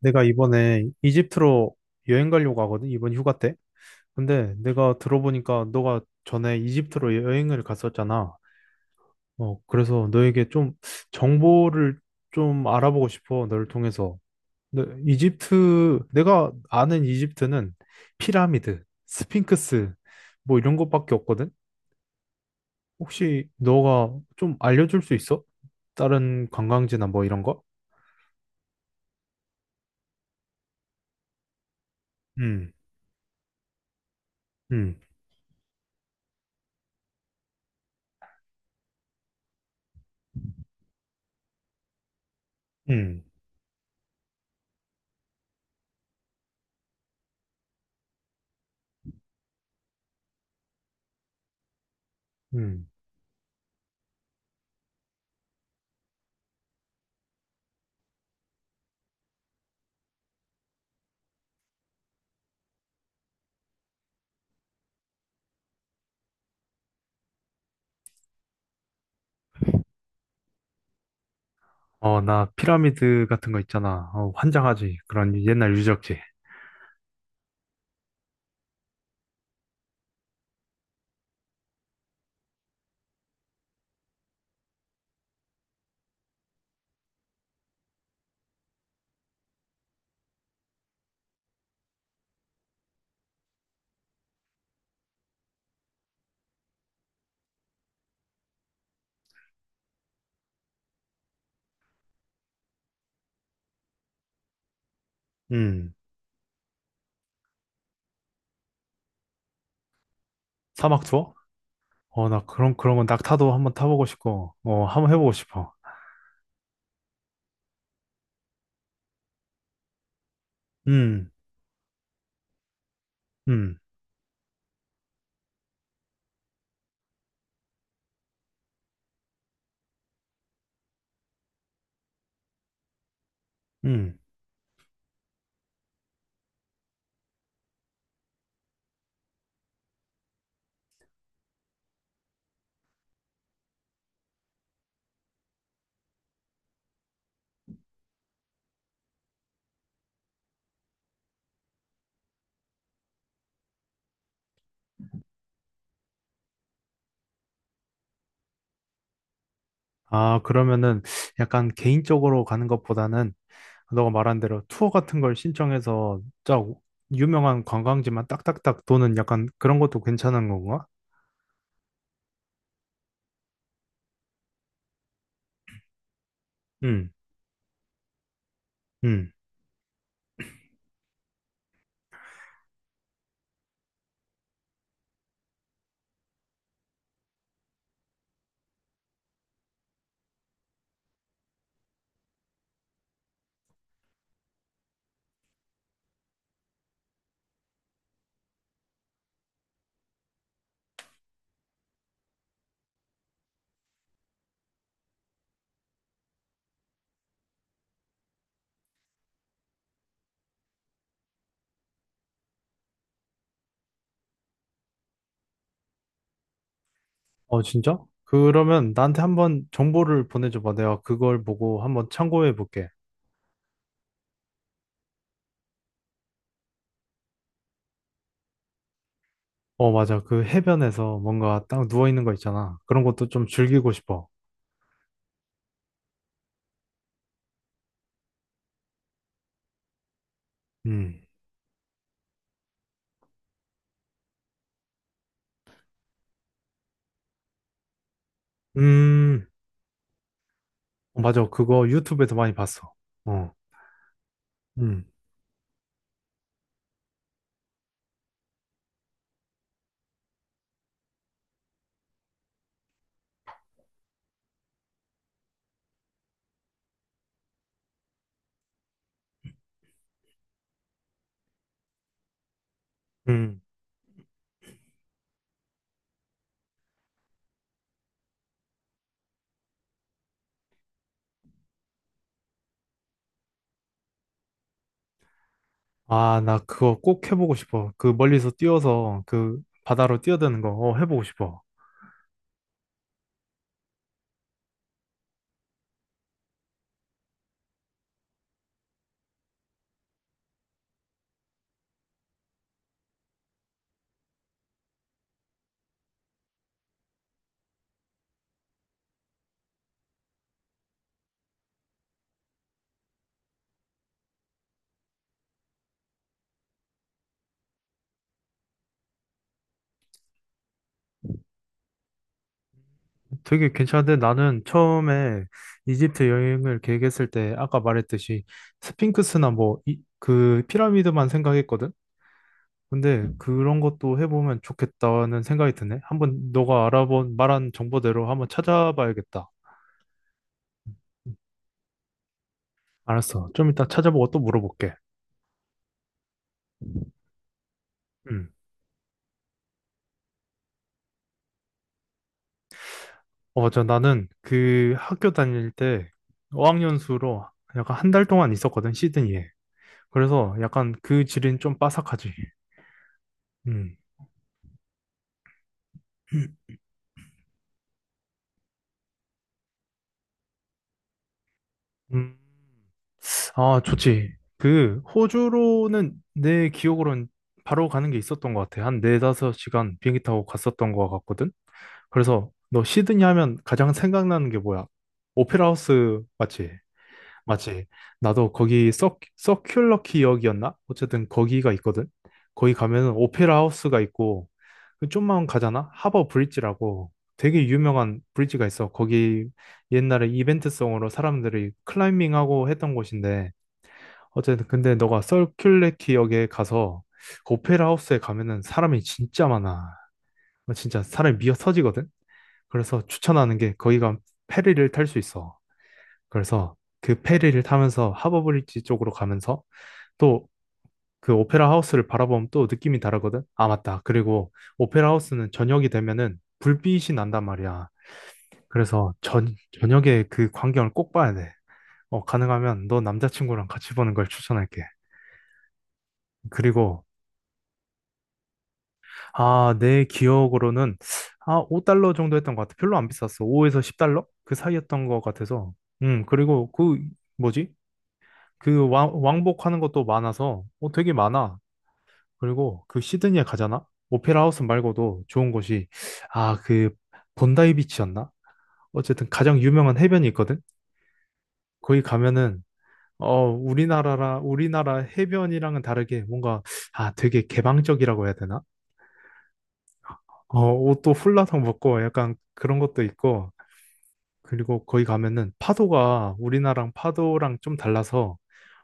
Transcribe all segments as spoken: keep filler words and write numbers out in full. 내가 이번에 이집트로 여행 가려고 하거든, 이번 휴가 때. 근데 내가 들어보니까 너가 전에 이집트로 여행을 갔었잖아. 어, 그래서 너에게 좀 정보를 좀 알아보고 싶어, 너를 통해서. 근데 이집트, 내가 아는 이집트는 피라미드, 스핑크스, 뭐 이런 것밖에 없거든? 혹시 너가 좀 알려줄 수 있어? 다른 관광지나 뭐 이런 거? 음, 음, 음, 음. 어, 나 피라미드 같은 거 있잖아. 어, 환장하지. 그런 옛날 유적지. 음. 사막 투어? 어, 나 그런, 그런 건 낙타도 한번 타보고 싶고, 어, 한번 해보고 싶어. 음, 음, 음. 아, 그러면은 약간 개인적으로 가는 것보다는 너가 말한 대로 투어 같은 걸 신청해서 쫙 유명한 관광지만 딱딱딱 도는 약간 그런 것도 괜찮은 건가? 음, 음. 어, 진짜? 그러면 나한테 한번 정보를 보내줘봐. 내가 그걸 보고 한번 참고해 볼게. 어, 맞아. 그 해변에서 뭔가 딱 누워있는 거 있잖아. 그런 것도 좀 즐기고 싶어. 음. 음. 어, 맞아. 그거 유튜브에서 많이 봤어. 어. 음. 음. 아, 나 그거 꼭 해보고 싶어. 그 멀리서 뛰어서 그 바다로 뛰어드는 거 어, 해보고 싶어. 되게 괜찮은데 나는 처음에 이집트 여행을 계획했을 때 아까 말했듯이 스핑크스나 뭐, 이, 그 피라미드만 생각했거든? 근데 그런 것도 해보면 좋겠다는 생각이 드네. 한번 너가 알아본 말한 정보대로 한번 찾아봐야겠다. 음, 알았어. 좀 이따 찾아보고 또 물어볼게. 음. 어, 저 나는 그 학교 다닐 때 어학연수로 약간 한 달 동안 있었거든, 시드니에. 그래서 약간 그 질은 좀 빠삭하지. 음. 음. 아, 좋지. 그 호주로는 내 기억으로는 바로 가는 게 있었던 것 같아. 한 네다섯 시간 비행기 타고 갔었던 것 같거든. 그래서 너 시드니 하면 가장 생각나는 게 뭐야? 오페라 하우스 맞지? 맞지? 나도 거기 서, 서큘러 키역이었나? 어쨌든 거기가 있거든. 거기 가면은 오페라 하우스가 있고 그 좀만 가잖아? 하버 브릿지라고 되게 유명한 브릿지가 있어. 거기 옛날에 이벤트성으로 사람들이 클라이밍하고 했던 곳인데 어쨌든 근데 너가 서큘러 키역에 가서 그 오페라 하우스에 가면은 사람이 진짜 많아. 진짜 사람이 미어 터지거든. 그래서 추천하는 게 거기가 페리를 탈 수 있어. 그래서 그 페리를 타면서 하버브리지 쪽으로 가면서 또 그 오페라 하우스를 바라보면 또 느낌이 다르거든. 아, 맞다. 그리고 오페라 하우스는 저녁이 되면은 불빛이 난단 말이야. 그래서 전, 저녁에 그 광경을 꼭 봐야 돼. 어, 가능하면 너 남자친구랑 같이 보는 걸 추천할게. 그리고 아, 내 기억으로는 아, 오 달러 정도 했던 것 같아. 별로 안 비쌌어. 오에서 십 달러? 그 사이였던 것 같아서. 음, 그리고 그 뭐지? 그 왕, 왕복하는 것도 많아서 어, 되게 많아. 그리고 그 시드니에 가잖아? 오페라 하우스 말고도 좋은 곳이 아, 그 본다이 비치였나? 어쨌든 가장 유명한 해변이 있거든. 거기 가면은 어, 우리나라라 우리나라 해변이랑은 다르게 뭔가 아, 되게 개방적이라고 해야 되나? 어, 옷도 훌라성 벗고 약간 그런 것도 있고 그리고 거기 가면은 파도가 우리나라랑 파도랑 좀 달라서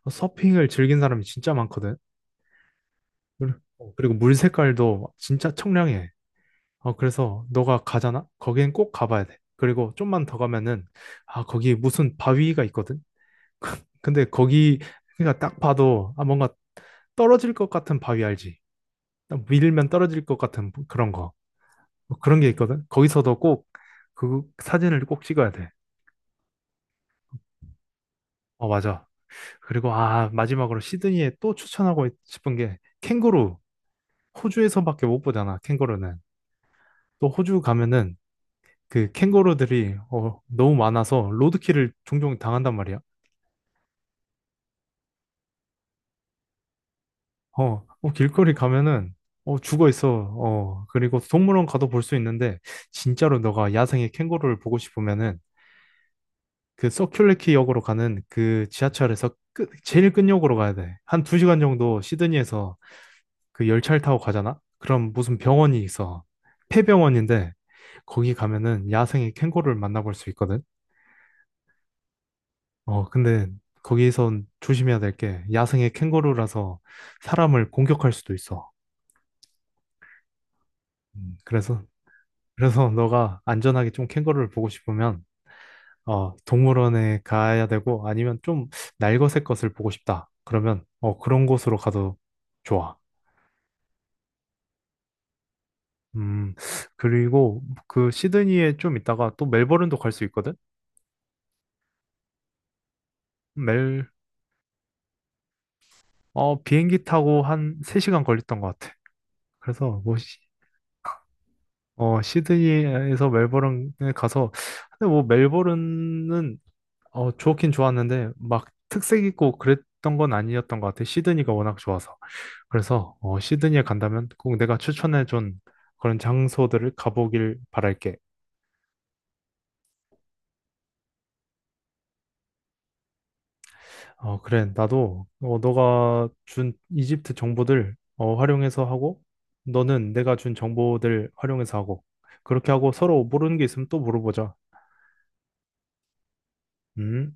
서핑을 즐긴 사람이 진짜 많거든. 그리- 어, 그리고 물 색깔도 진짜 청량해. 어, 그래서 너가 가잖아? 거기엔 꼭 가봐야 돼. 그리고 좀만 더 가면은, 아, 거기 무슨 바위가 있거든? 근데 거기, 그러니까 딱 봐도, 아, 뭔가 떨어질 것 같은 바위 알지? 딱 밀면 떨어질 것 같은 그런 거. 뭐 그런 게 있거든? 거기서도 꼭 그 사진을 꼭 찍어야 돼. 어, 맞아. 그리고, 아, 마지막으로 시드니에 또 추천하고 싶은 게 캥거루. 호주에서밖에 못 보잖아, 캥거루는. 또 호주 가면은 그 캥거루들이 어, 너무 많아서 로드킬을 종종 당한단 말이야. 어, 어, 길거리 가면은 어, 죽어 있어. 어, 그리고 동물원 가도 볼 수 있는데 진짜로 너가 야생의 캥거루를 보고 싶으면은 그 서큘레키 역으로 가는 그 지하철에서 끝, 제일 끝역으로 가야 돼. 한 두 시간 정도 시드니에서 그 열차를 타고 가잖아? 그럼 무슨 병원이 있어. 폐병원인데 거기 가면은 야생의 캥거루를 만나볼 수 있거든. 어, 근데 거기선 조심해야 될 게 야생의 캥거루라서 사람을 공격할 수도 있어. 음, 그래서, 그래서 너가 안전하게 좀 캥거루를 보고 싶으면, 어, 동물원에 가야 되고 아니면 좀 날것의 것을 보고 싶다. 그러면, 어, 그런 곳으로 가도 좋아. 음, 그리고 그 시드니에 좀 있다가 또 멜버른도 갈 수 있거든? 멜, 어, 비행기 타고 한 세 시간 걸렸던 것 같아. 그래서 뭐 어, 시드니에서 멜버른에 가서, 근데 뭐 멜버른은, 어, 좋긴 좋았는데, 막 특색 있고 그랬던 건 아니었던 것 같아. 시드니가 워낙 좋아서. 그래서, 어, 시드니에 간다면 꼭 내가 추천해준 그런 장소들을 가보길 바랄게. 어, 그래. 나도, 어, 너가 준 이집트 정보들, 어, 활용해서 하고, 너는 내가 준 정보들 활용해서 하고, 그렇게 하고 서로 모르는 게 있으면 또 물어보자. 음.